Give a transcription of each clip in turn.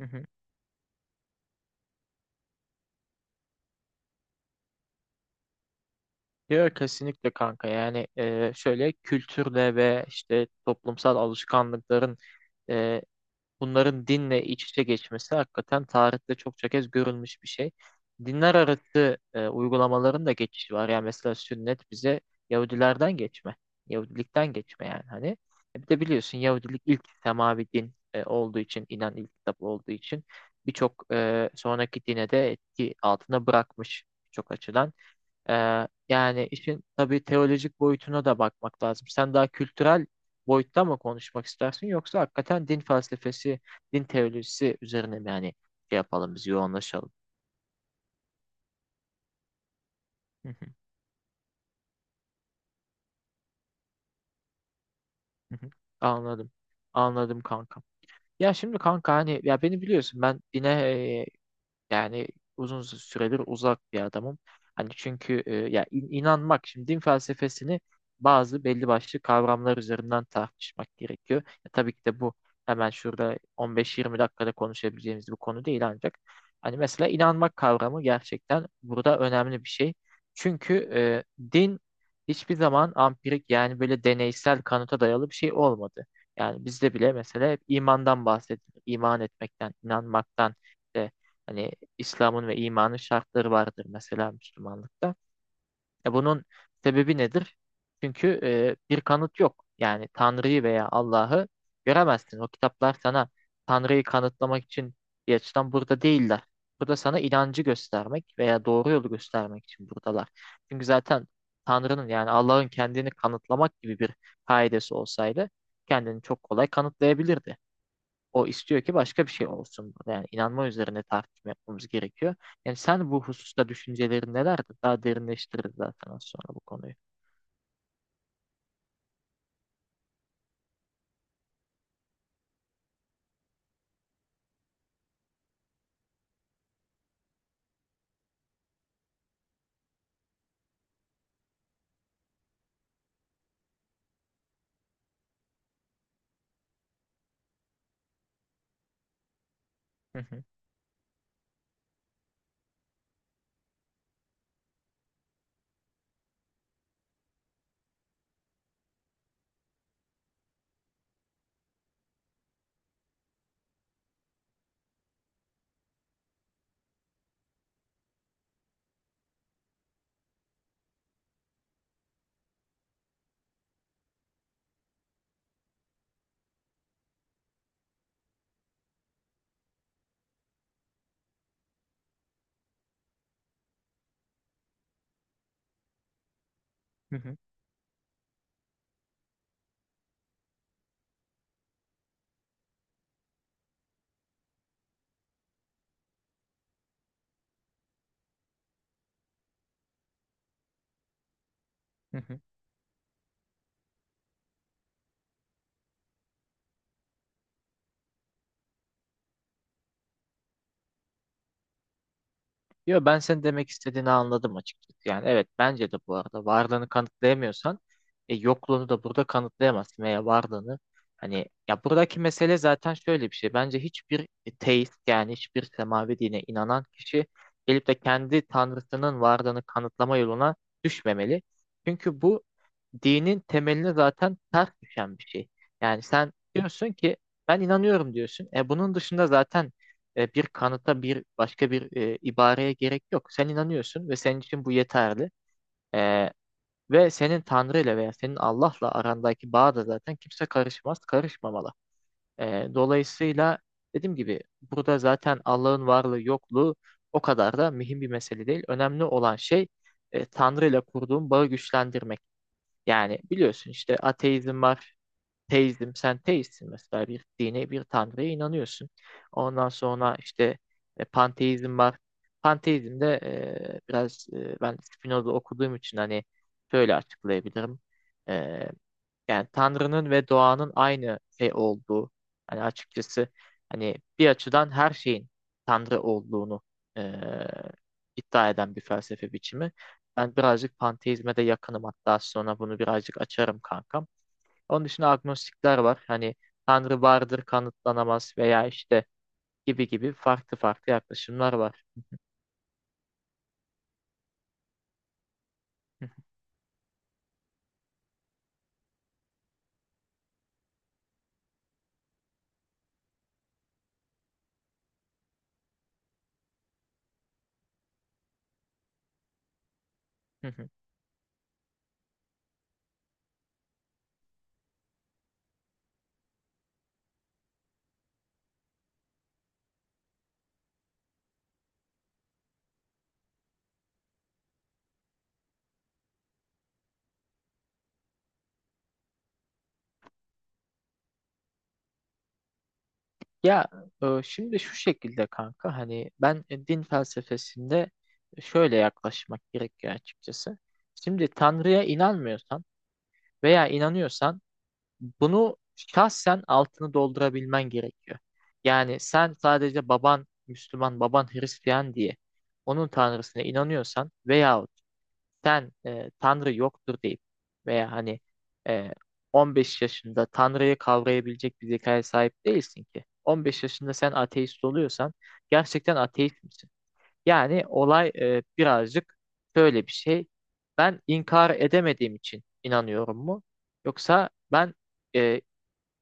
Hı hı. Ya kesinlikle kanka, yani şöyle kültürle ve işte toplumsal alışkanlıkların e, bunların dinle iç içe geçmesi hakikaten tarihte çokça kez görülmüş bir şey. Dinler arası uygulamaların da geçişi var. Yani mesela sünnet bize Yahudilerden Yahudilikten geçme yani hani. E Bir de biliyorsun, Yahudilik ilk semavi din olduğu için, inen ilk kitap olduğu için birçok sonraki dine de etki altına bırakmış çok açıdan. Yani işin tabii teolojik boyutuna da bakmak lazım. Sen daha kültürel boyutta mı konuşmak istersin, yoksa hakikaten din felsefesi, din teolojisi üzerine mi, yani şey yapalım, biz yoğunlaşalım. Hı hı, hı hı. Anladım. Anladım kanka. Ya şimdi kanka, hani ya beni biliyorsun, ben dine, yani uzun süredir uzak bir adamım. Hani çünkü inanmak, şimdi din felsefesini bazı belli başlı kavramlar üzerinden tartışmak gerekiyor. Ya tabii ki de bu hemen şurada 15-20 dakikada konuşabileceğimiz bir konu değil, ancak hani mesela inanmak kavramı gerçekten burada önemli bir şey. Çünkü din hiçbir zaman ampirik, yani böyle deneysel kanıta dayalı bir şey olmadı. Yani bizde bile mesela hep imandan bahsedilir. İman etmekten, inanmaktan işte. Hani İslam'ın ve imanın şartları vardır mesela Müslümanlıkta. E bunun sebebi nedir? Çünkü bir kanıt yok. Yani Tanrı'yı veya Allah'ı göremezsin. O kitaplar sana Tanrı'yı kanıtlamak için bir açıdan burada değiller. Burada sana inancı göstermek veya doğru yolu göstermek için buradalar. Çünkü zaten Tanrı'nın, yani Allah'ın kendini kanıtlamak gibi bir kaidesi olsaydı, kendini çok kolay kanıtlayabilirdi. O istiyor ki başka bir şey olsun. Yani inanma üzerine tartışma yapmamız gerekiyor. Yani sen bu hususta düşüncelerin nelerdir? Daha derinleştiririz zaten az sonra bu konuyu. Hı hı, hı hı, hı hı. Yo, ben senin demek istediğini anladım açıkçası. Yani evet, bence de bu arada varlığını kanıtlayamıyorsan yokluğunu da burada kanıtlayamazsın. Veya varlığını, hani ya buradaki mesele zaten şöyle bir şey. Bence hiçbir teist, yani hiçbir semavi dine inanan kişi, gelip de kendi tanrısının varlığını kanıtlama yoluna düşmemeli. Çünkü bu dinin temeline zaten ters düşen bir şey. Yani sen diyorsun ki ben inanıyorum diyorsun. E bunun dışında zaten bir kanıta, bir başka bir ibareye gerek yok. Sen inanıyorsun ve senin için bu yeterli. E, Ve senin Tanrı ile veya senin Allah'la arandaki bağ da zaten kimse karışmaz, karışmamalı. Dolayısıyla dediğim gibi, burada zaten Allah'ın varlığı yokluğu o kadar da mühim bir mesele değil. Önemli olan şey Tanrı ile kurduğun bağı güçlendirmek. Yani biliyorsun, işte ateizm var, teizm, sen teistsin mesela, bir dine, bir tanrıya inanıyorsun. Ondan sonra işte panteizm var. Panteizm de ben Spinoza okuduğum için hani şöyle açıklayabilirim. E, Yani Tanrı'nın ve doğanın aynı şey olduğu, hani açıkçası hani bir açıdan her şeyin Tanrı olduğunu e, iddia eden bir felsefe biçimi. Ben birazcık panteizme de yakınım, hatta sonra bunu birazcık açarım kankam. Onun dışında agnostikler var. Hani Tanrı vardır, kanıtlanamaz, veya işte gibi gibi farklı farklı yaklaşımlar var. Hı hı. Ya şimdi şu şekilde kanka, hani ben din felsefesinde şöyle yaklaşmak gerekiyor açıkçası. Şimdi Tanrı'ya inanmıyorsan veya inanıyorsan, bunu şahsen altını doldurabilmen gerekiyor. Yani sen sadece baban Müslüman, baban Hristiyan diye onun Tanrısına inanıyorsan, veya sen Tanrı yoktur deyip, veya hani e, 15 yaşında Tanrı'yı kavrayabilecek bir zekaya sahip değilsin ki. 15 yaşında sen ateist oluyorsan, gerçekten ateist misin? Yani olay birazcık şöyle bir şey. Ben inkar edemediğim için inanıyorum mu? Yoksa ben, e,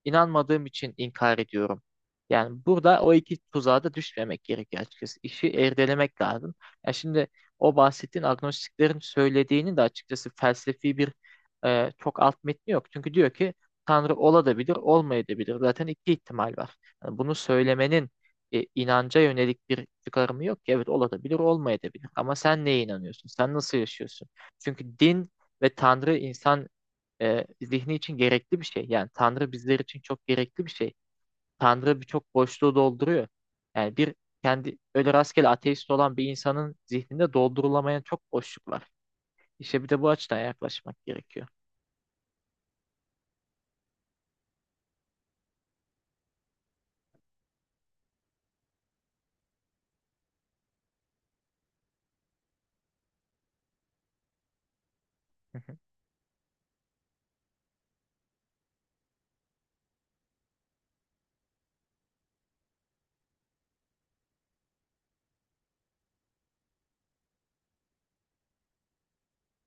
İnanmadığım için inkar ediyorum. Yani burada o iki tuzağa da düşmemek gerekiyor açıkçası. İşi erdelemek lazım. Ya şimdi o bahsettiğin agnostiklerin söylediğini de açıkçası felsefi bir, çok alt metni yok. Çünkü diyor ki Tanrı olabilir, olmayabilir. Zaten iki ihtimal var. Yani bunu söylemenin inanca yönelik bir çıkarımı yok ki. Evet, olabilir, olmayabilir. Ama sen neye inanıyorsun? Sen nasıl yaşıyorsun? Çünkü din ve Tanrı insan zihni için gerekli bir şey. Yani Tanrı bizler için çok gerekli bir şey. Tanrı birçok boşluğu dolduruyor. Yani bir kendi öyle rastgele ateist olan bir insanın zihninde doldurulamayan çok boşluk var. İşte bir de bu açıdan yaklaşmak gerekiyor.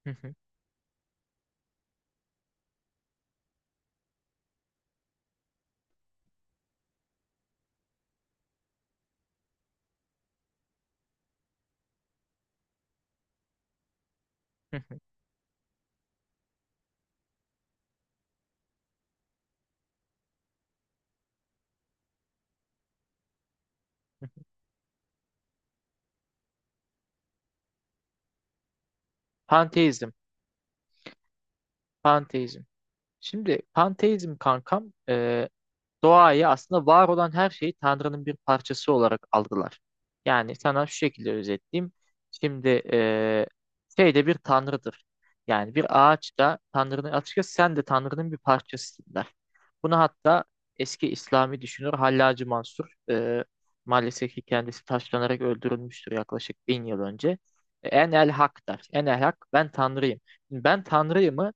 Panteizm, panteizm. Şimdi panteizm kankam, doğayı, aslında var olan her şeyi Tanrı'nın bir parçası olarak algılar. Yani sana şu şekilde özetleyeyim. Şimdi şey de bir Tanrı'dır. Yani bir ağaç da Tanrı'nın, açıkçası sen de Tanrı'nın bir parçasısın der. Bunu hatta eski İslami düşünür Hallacı Mansur, maalesef ki kendisi taşlanarak öldürülmüştür yaklaşık 1000 yıl önce. En el hak der. En el hak, ben Tanrıyım. Şimdi Ben Tanrıyım'ı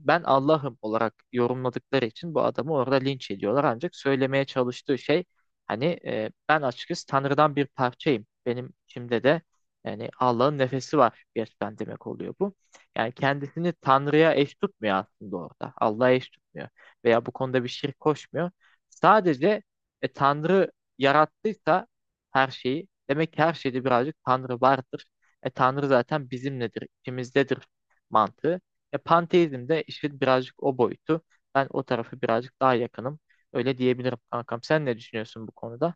ben Allah'ım olarak yorumladıkları için bu adamı orada linç ediyorlar. Ancak söylemeye çalıştığı şey, hani ben açıkçası Tanrı'dan bir parçayım. Benim içimde de yani Allah'ın nefesi var gerçekten, demek oluyor bu. Yani kendisini Tanrı'ya eş tutmuyor aslında orada. Allah'a eş tutmuyor. Veya bu konuda bir şirk koşmuyor. Sadece Tanrı yarattıysa her şeyi, demek ki her şeyde birazcık Tanrı vardır. Tanrı zaten bizimledir, içimizdedir mantığı. Panteizm de işin birazcık o boyutu. Ben o tarafı birazcık daha yakınım. Öyle diyebilirim kankam. Sen ne düşünüyorsun bu konuda?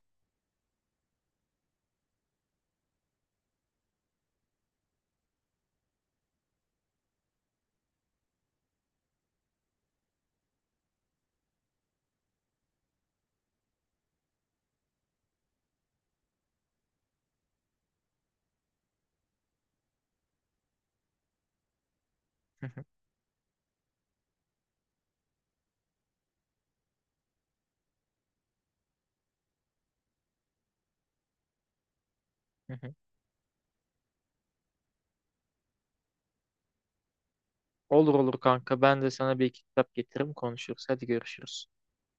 Olur olur kanka. Ben de sana bir iki kitap getiririm, konuşuruz. Hadi görüşürüz.